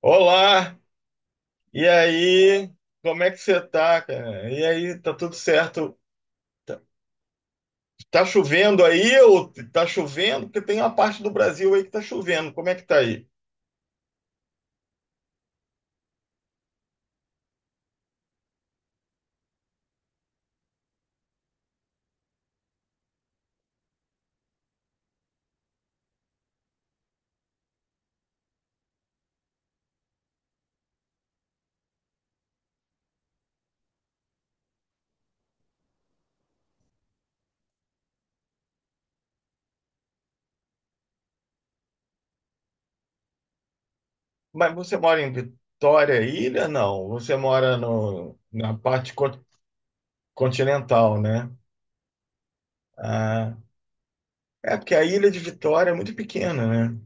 Olá, e aí? Como é que você tá, cara? E aí, tá tudo certo? Tá, tá chovendo aí ou tá chovendo? Porque tem uma parte do Brasil aí que tá chovendo. Como é que tá aí? Mas você mora em Vitória, Ilha? Não, você mora no, na parte continental, né? Ah, é porque a ilha de Vitória é muito pequena, né?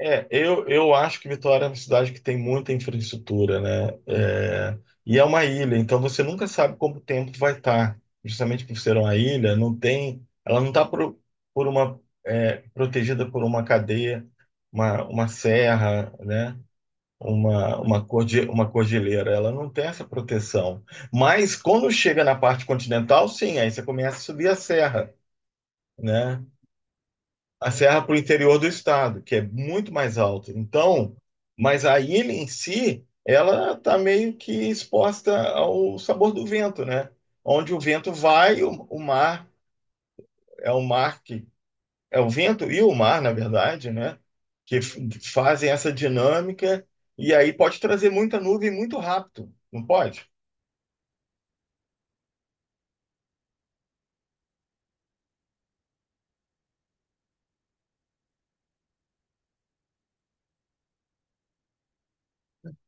É, eu acho que Vitória é uma cidade que tem muita infraestrutura, né? É, e é uma ilha, então você nunca sabe como o tempo vai estar. Justamente por ser uma ilha, não tem, ela não está por uma protegida por uma cadeia, uma serra, né? Uma cordilheira, ela não tem essa proteção. Mas quando chega na parte continental, sim, aí você começa a subir a serra, né? A serra para o interior do estado, que é muito mais alto. Então, mas a ilha em si, ela está meio que exposta ao sabor do vento, né? Onde o vento vai, o mar é o mar que é o vento e o mar, na verdade, né? Que fazem essa dinâmica e aí pode trazer muita nuvem muito rápido, não pode?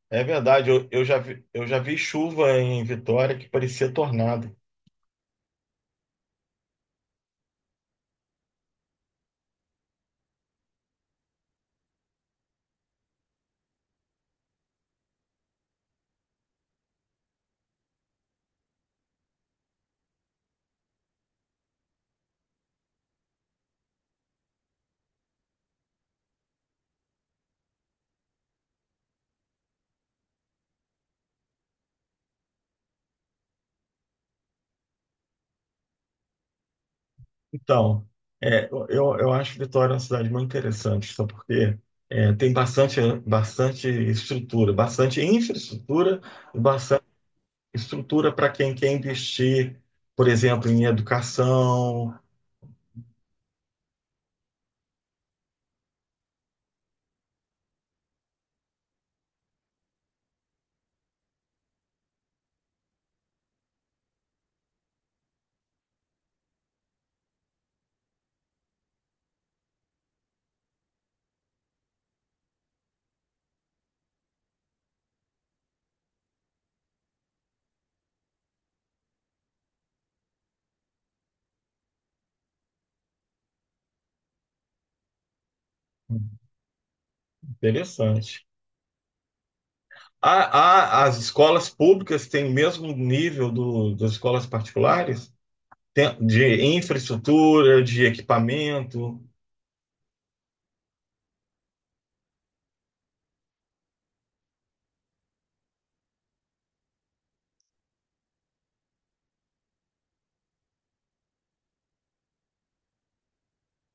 É verdade, eu já vi chuva em Vitória que parecia tornado. Então, é, eu acho Vitória uma cidade muito interessante, só porque é, tem bastante, bastante estrutura, bastante infraestrutura e bastante estrutura para quem quer investir, por exemplo, em educação. Interessante. As escolas públicas têm o mesmo nível das escolas particulares? De infraestrutura, de equipamento?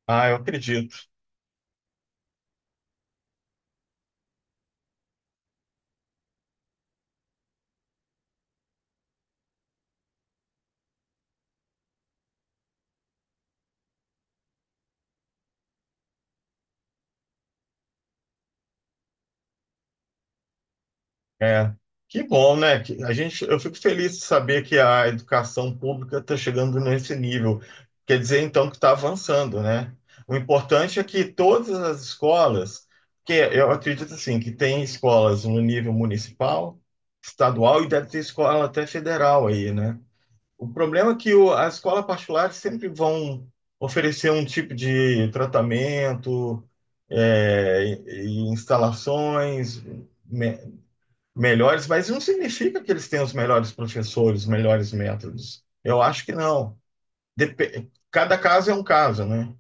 Ah, eu acredito. É, que bom, né? Que a gente, eu fico feliz de saber que a educação pública está chegando nesse nível. Quer dizer, então, que está avançando, né? O importante é que todas as escolas, que eu acredito assim, que tem escolas no nível municipal, estadual e deve ter escola até federal aí, né? O problema é que a escola particular sempre vão oferecer um tipo de tratamento, e instalações melhores, mas não significa que eles tenham os melhores professores, os melhores métodos. Eu acho que não. Cada caso é um caso, né?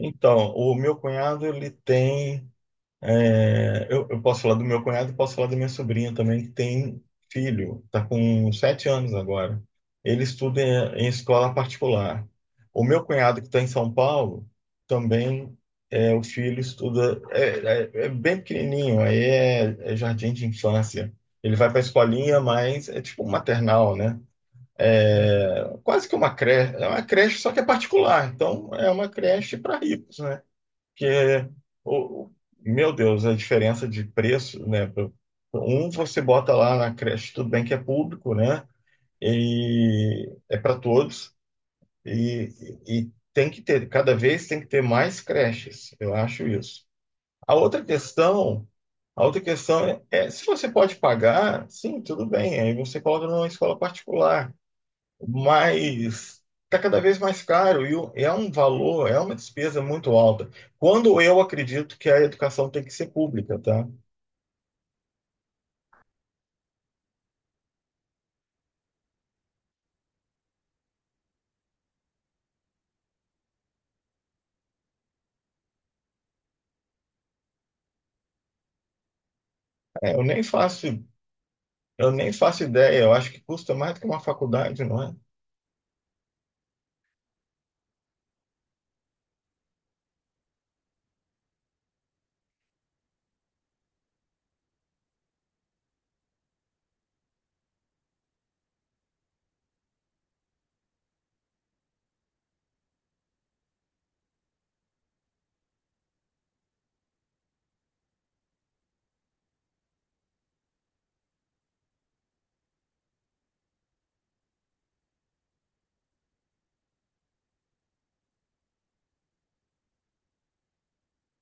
Então, o meu cunhado, ele tem. É, eu posso falar do meu cunhado, posso falar da minha sobrinha também, que tem filho, está com 7 anos agora. Ele estuda em escola particular. O meu cunhado, que está em São Paulo, também é, o filho estuda, é bem pequenininho, aí é jardim de infância. Ele vai para a escolinha, mas é tipo um maternal, né? É, quase que uma creche, é uma creche, só que é particular. Então, é uma creche para ricos, né? Porque, o, meu Deus, a diferença de preço, né? Um você bota lá na creche, tudo bem que é público, né? E é para todos. E, e tem que ter, cada vez tem que ter mais creches, eu acho isso. A outra questão, a outra questão é, é se você pode pagar, sim, tudo bem, aí você coloca numa escola particular, mas está cada vez mais caro e é um valor, é uma despesa muito alta. Quando eu acredito que a educação tem que ser pública, tá? É, eu nem faço ideia, eu acho que custa mais do que uma faculdade, não é?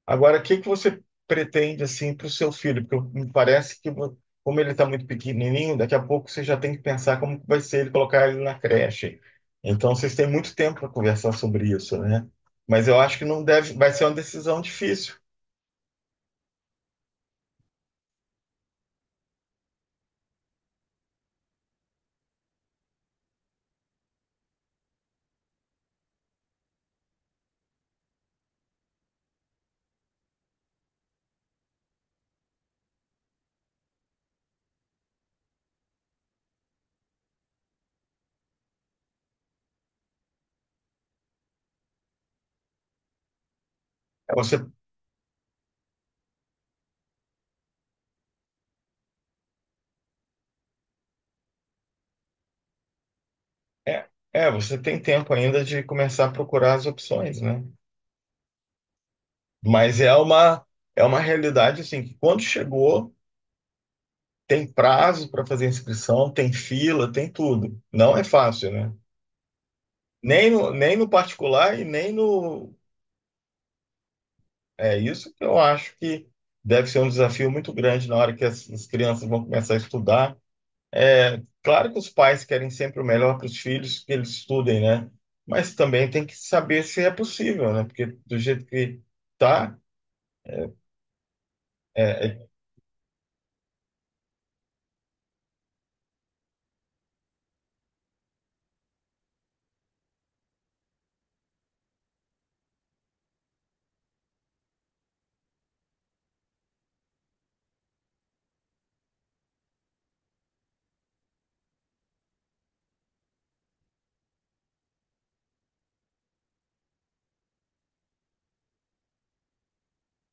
Agora, o que que você pretende assim para o seu filho? Porque me parece que como ele está muito pequenininho, daqui a pouco você já tem que pensar como que vai ser ele colocar ele na creche. Então, vocês têm muito tempo para conversar sobre isso, né? Mas eu acho que não deve, vai ser uma decisão difícil. É, Você. É, é, você tem tempo ainda de começar a procurar as opções, né? Mas é uma, é uma realidade assim que quando chegou, tem prazo para fazer inscrição, tem fila, tem tudo. Não é fácil, né? Nem no particular e nem no. É isso que eu acho que deve ser um desafio muito grande na hora que as crianças vão começar a estudar. É, claro que os pais querem sempre o melhor para os filhos que eles estudem, né? Mas também tem que saber se é possível, né? Porque do jeito que tá, é,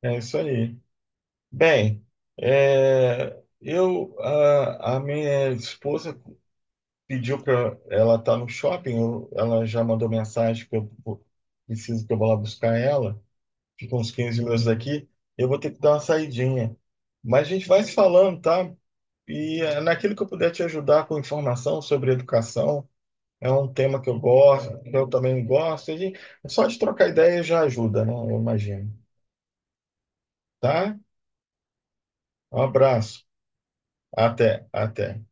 é isso aí. Bem, é, a minha esposa pediu para ela tá no shopping, ela já mandou mensagem que preciso que eu vá lá buscar ela. Fica uns 15 minutos daqui. Eu vou ter que dar uma saidinha. Mas a gente vai se falando, tá? E é, naquilo que eu puder te ajudar com informação sobre educação, é um tema que eu gosto, que eu também gosto. E só de trocar ideia já ajuda, né? Eu imagino. Tá? Um abraço. Até, até.